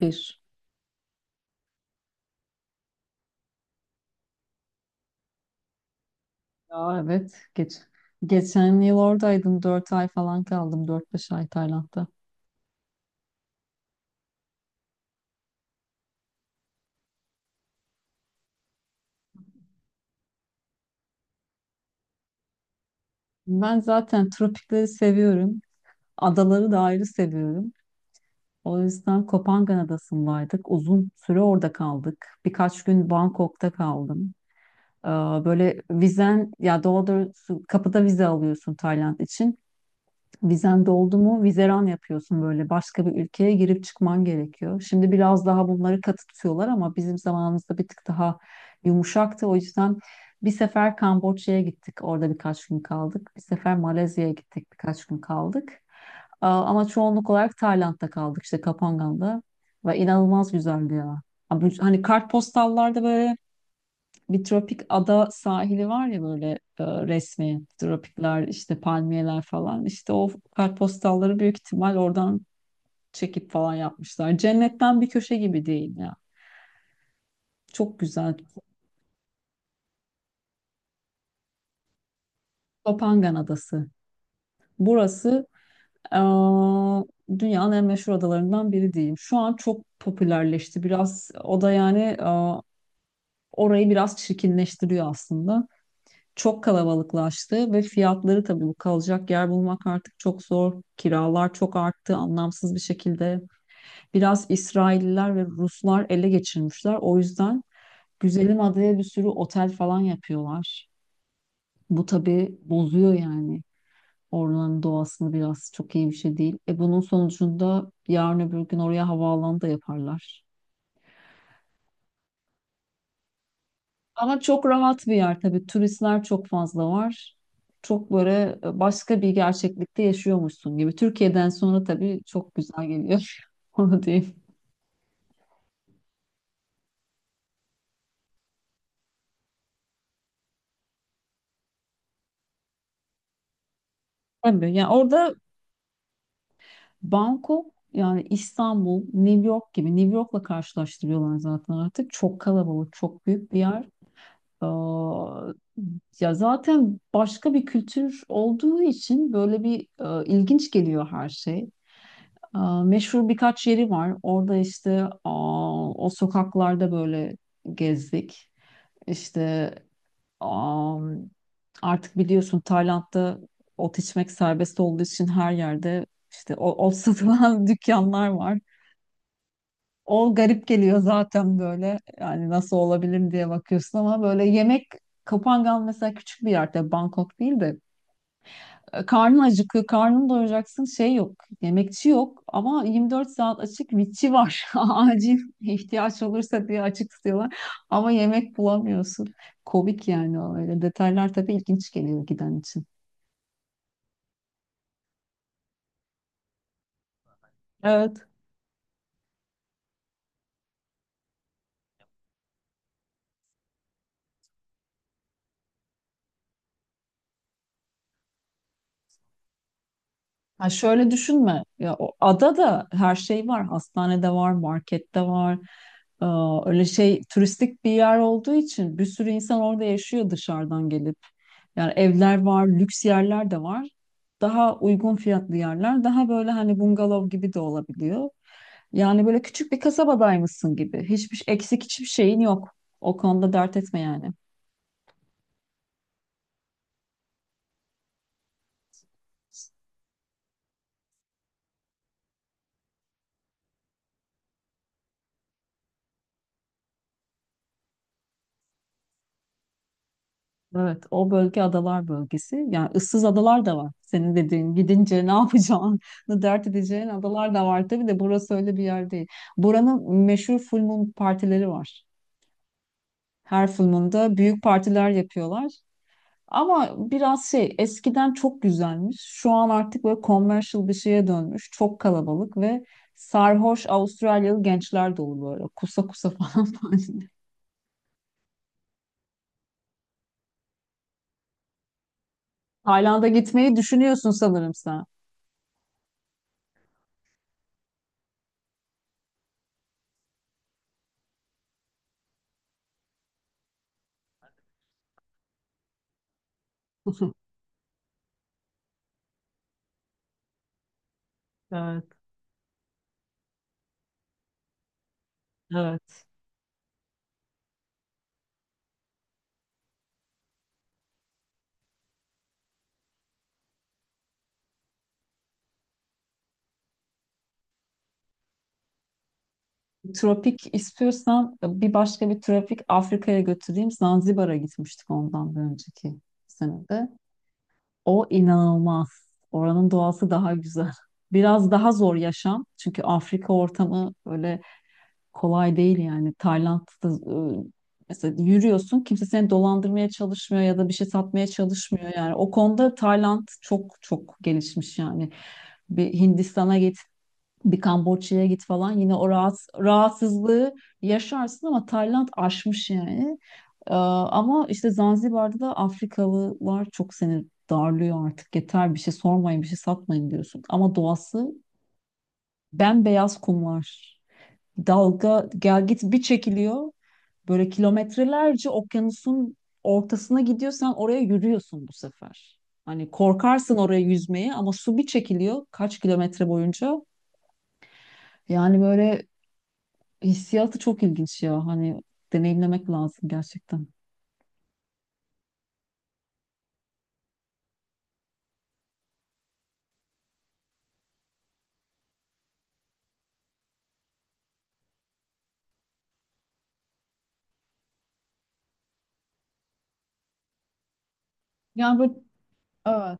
Bir. Ya evet. Geç. Geçen yıl oradaydım. Dört ay falan kaldım. Dört beş ay Tayland'da. Ben zaten tropikleri seviyorum. Adaları da ayrı seviyorum. O yüzden Kopangan Adası'ndaydık. Uzun süre orada kaldık. Birkaç gün Bangkok'ta kaldım. Ee, Böyle vizen ya doğrusu kapıda vize alıyorsun Tayland için. Vizen doldu mu vizeran yapıyorsun, böyle başka bir ülkeye girip çıkman gerekiyor. Şimdi biraz daha bunları katı tutuyorlar ama bizim zamanımızda bir tık daha yumuşaktı. O yüzden bir sefer Kamboçya'ya gittik, orada birkaç gün kaldık. Bir sefer Malezya'ya gittik, birkaç gün kaldık. Ama çoğunluk olarak Tayland'da kaldık, işte Kapangan'da, ve inanılmaz güzeldi ya. Abi, hani kartpostallarda böyle bir tropik ada sahili var ya, böyle resmi tropikler, işte palmiyeler falan, işte o kartpostalları büyük ihtimal oradan çekip falan yapmışlar. Cennetten bir köşe gibi değil ya. Çok güzel. Topangan Adası. Burası e, dünyanın en meşhur adalarından biri diyeyim. Şu an çok popülerleşti. Biraz o da yani orayı biraz çirkinleştiriyor aslında. Çok kalabalıklaştı ve fiyatları, tabii bu, kalacak yer bulmak artık çok zor. Kiralar çok arttı anlamsız bir şekilde. Biraz İsrailliler ve Ruslar ele geçirmişler. O yüzden güzelim adaya bir sürü otel falan yapıyorlar. Bu tabii bozuyor yani oranın doğasını, biraz çok iyi bir şey değil. E bunun sonucunda yarın öbür gün oraya havaalanı da yaparlar. Ama çok rahat bir yer tabii. Turistler çok fazla var. Çok böyle başka bir gerçeklikte yaşıyormuşsun gibi. Türkiye'den sonra tabii çok güzel geliyor. Onu diyeyim. Tabii yani orada Bangkok yani İstanbul, New York gibi, New York'la karşılaştırıyorlar zaten artık. Çok kalabalık, çok büyük bir yer. Aa, Ya zaten başka bir kültür olduğu için böyle bir ilginç geliyor her şey. Aa, meşhur birkaç yeri var. Orada işte aa, o sokaklarda böyle gezdik. İşte aa, artık biliyorsun Tayland'da ot içmek serbest olduğu için her yerde işte ot satılan dükkanlar var. O garip geliyor zaten böyle. Yani nasıl olabilir diye bakıyorsun ama böyle yemek. Kapangan mesela, küçük bir yerde, Bangkok değil de karnın acıkıyor, karnını doyuracaksın şey yok, yemekçi yok ama 24 saat açık vitçi var. Acil ihtiyaç olursa diye açık tutuyorlar ama yemek bulamıyorsun. Komik yani o öyle detaylar tabii ilginç geliyor giden için. Evet. Ha, şöyle düşünme. Ya o adada her şey var. Hastanede var, markette var. Ee, Öyle şey, turistik bir yer olduğu için bir sürü insan orada yaşıyor dışarıdan gelip. Yani evler var, lüks yerler de var. Daha uygun fiyatlı yerler, daha böyle hani bungalov gibi de olabiliyor. Yani böyle küçük bir kasabadaymışsın gibi. Hiçbir eksik, hiçbir şeyin yok. O konuda dert etme yani. Evet, o bölge adalar bölgesi. Yani ıssız adalar da var. Senin dediğin, gidince ne yapacağını dert edeceğin adalar da var. Tabii de burası öyle bir yer değil. Buranın meşhur full moon partileri var. Her full moon'da büyük partiler yapıyorlar. Ama biraz şey, eskiden çok güzelmiş. Şu an artık böyle commercial bir şeye dönmüş. Çok kalabalık ve sarhoş Avustralyalı gençler dolu böyle. Kusa kusa falan. Tayland'a gitmeyi düşünüyorsun sanırım sen. Evet, evet. Tropik istiyorsan bir başka bir tropik, Afrika'ya götüreyim. Zanzibar'a gitmiştik ondan bir önceki senede. O inanılmaz. Oranın doğası daha güzel. Biraz daha zor yaşam. Çünkü Afrika ortamı öyle kolay değil yani. Tayland'da e, mesela yürüyorsun, kimse seni dolandırmaya çalışmıyor ya da bir şey satmaya çalışmıyor yani. O konuda Tayland çok çok gelişmiş yani. Bir Hindistan'a git, bir Kamboçya'ya git falan, yine o rahat, rahatsızlığı yaşarsın, ama Tayland aşmış yani. Ama işte Zanzibar'da da Afrikalılar çok seni darlıyor artık. Yeter, bir şey sormayın, bir şey satmayın diyorsun. Ama doğası bembeyaz kumlar. Dalga gel git bir çekiliyor. Böyle kilometrelerce okyanusun ortasına gidiyorsan oraya, yürüyorsun bu sefer. Hani korkarsın oraya yüzmeye ama su bir çekiliyor kaç kilometre boyunca. Yani böyle hissiyatı çok ilginç ya. Hani deneyimlemek lazım gerçekten. Yani böyle evet.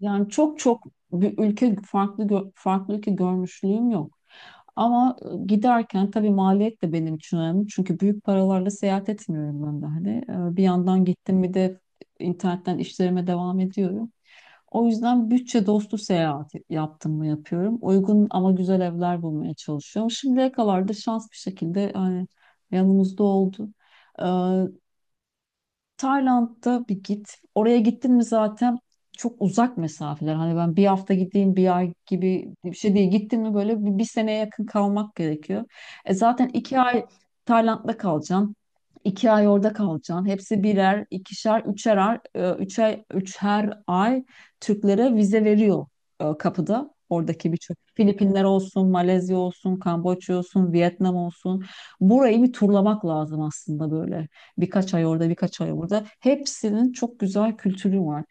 Yani çok çok bir ülke, farklı farklı ülke görmüşlüğüm yok. Ama giderken tabii maliyet de benim için önemli. Çünkü büyük paralarla seyahat etmiyorum ben de hani. E, bir yandan gittim, bir de internetten işlerime devam ediyorum. O yüzden bütçe dostu seyahat yaptım mı yapıyorum. Uygun ama güzel evler bulmaya çalışıyorum. Şimdiye kadar da şans bir şekilde hani yanımızda oldu. Tayland'da bir git. Oraya gittin mi zaten çok uzak mesafeler. Hani ben bir hafta gideyim bir ay gibi bir şey değil. Gittin mi böyle bir seneye yakın kalmak gerekiyor. E zaten iki ay Tayland'da kalacaksın. İki ay orada kalacaksın. Hepsi birer, ikişer, üçer, üçer, üçer ay Türklere vize veriyor kapıda. Oradaki birçok, Filipinler olsun, Malezya olsun, Kamboçya olsun, Vietnam olsun. Burayı bir turlamak lazım aslında böyle. Birkaç ay orada, birkaç ay burada. Hepsinin çok güzel kültürü var.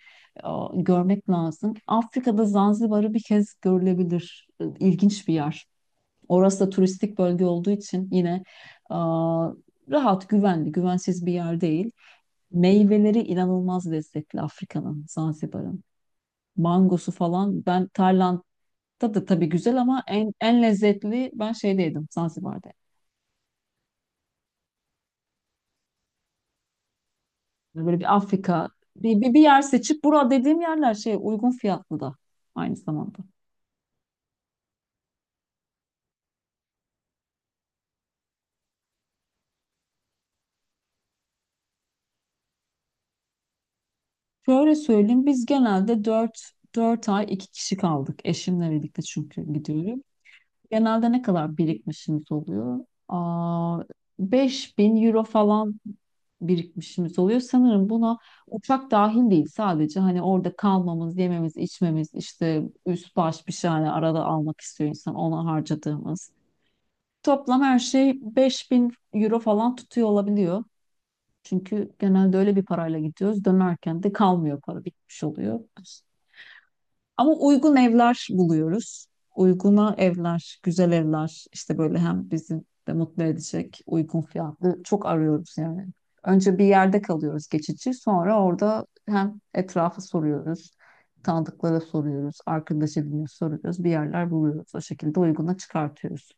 Aa, görmek lazım. Afrika'da Zanzibar'ı bir kez görülebilir. İlginç bir yer. Orası da turistik bölge olduğu için yine aa, rahat, güvenli, güvensiz bir yer değil. Meyveleri inanılmaz lezzetli Afrika'nın, Zanzibar'ın. Mangosu falan. Ben Tayland da da tabii güzel, ama en en lezzetli ben şeydeydim, Zanzibar'da. Yani böyle bir Afrika, bir yer seçip, bura dediğim yerler şey, uygun fiyatlı da aynı zamanda. Şöyle söyleyeyim, biz genelde dört ay 2 kişi kaldık eşimle birlikte, çünkü gidiyorum. Genelde ne kadar birikmişimiz oluyor? Aa, 5.000 euro falan birikmişimiz oluyor. Sanırım buna uçak dahil değil, sadece hani orada kalmamız, yememiz, içmemiz, işte üst baş bir şey hani arada almak istiyor insan, ona harcadığımız. Toplam her şey 5.000 euro falan tutuyor olabiliyor. Çünkü genelde öyle bir parayla gidiyoruz. Dönerken de kalmıyor, para bitmiş oluyor. Ama uygun evler buluyoruz. Uyguna evler, güzel evler, işte böyle hem bizi de mutlu edecek, uygun fiyatlı çok arıyoruz yani. Önce bir yerde kalıyoruz geçici, sonra orada hem etrafı soruyoruz, tanıdıklara soruyoruz, arkadaş ediniyor soruyoruz, bir yerler buluyoruz. O şekilde uyguna çıkartıyoruz.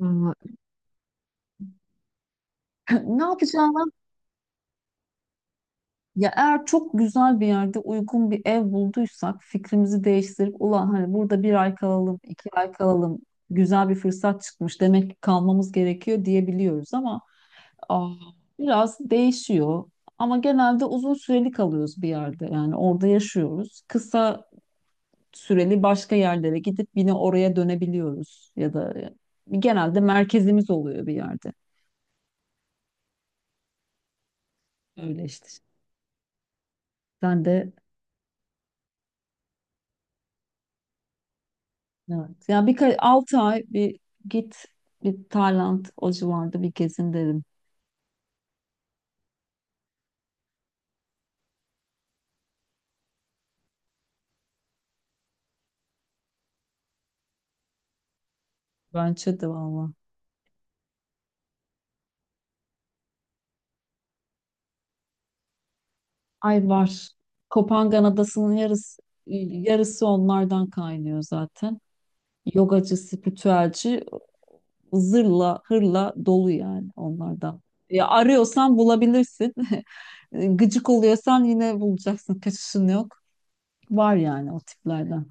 Aa, ne yapacağını. Ya eğer çok güzel bir yerde uygun bir ev bulduysak fikrimizi değiştirip ulan hani burada bir ay kalalım, iki ay kalalım, güzel bir fırsat çıkmış demek ki kalmamız gerekiyor diyebiliyoruz, ama aa, biraz değişiyor. Ama genelde uzun süreli kalıyoruz bir yerde, yani orada yaşıyoruz. Kısa süreli başka yerlere gidip yine oraya dönebiliyoruz ya da genelde merkezimiz oluyor bir yerde. Öyle işte. Sen de evet. Ya bir 6 ay bir git, bir Tayland o civarda bir gezin derim. Bence de valla. Ay var. Kopangan Adası'nın yarısı onlardan kaynıyor zaten. Yogacı, spiritüelci, zırla, hırla dolu yani onlardan. Ya arıyorsan bulabilirsin. Gıcık oluyorsan yine bulacaksın. Kaçışın yok. Var yani o tiplerden.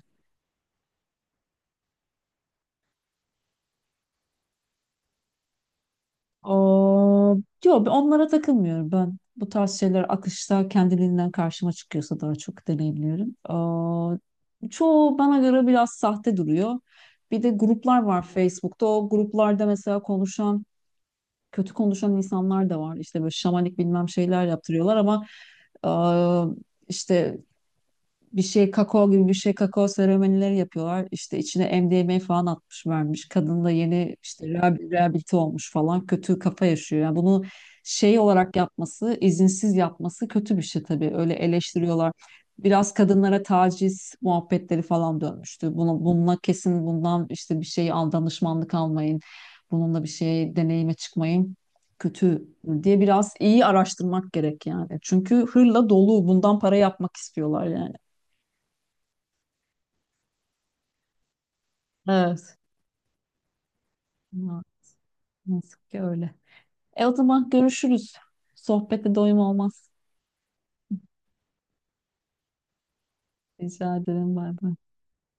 O, yok, onlara takılmıyorum ben. Bu tarz şeyler akışta kendiliğinden karşıma çıkıyorsa daha çok deneyimliyorum. O, çoğu bana göre biraz sahte duruyor. Bir de gruplar var Facebook'ta. O gruplarda mesela konuşan, kötü konuşan insanlar da var. İşte böyle şamanik bilmem şeyler yaptırıyorlar ama işte bir şey, kakao seremonileri yapıyorlar. İşte içine MDMA falan atmış vermiş. Kadın da yeni işte rehabilite olmuş falan. Kötü kafa yaşıyor. Yani bunu şey olarak yapması, izinsiz yapması kötü bir şey tabii. Öyle eleştiriyorlar. Biraz kadınlara taciz muhabbetleri falan dönmüştü. Bununla kesin, bundan işte bir şey al, danışmanlık almayın. Bununla bir şey deneyime çıkmayın. Kötü diye biraz iyi araştırmak gerek yani. Çünkü hırla dolu, bundan para yapmak istiyorlar yani. Evet. Na- Nasıl ki öyle. E o zaman görüşürüz. Sohbete doyum olmaz. Rica ederim. Bay bay.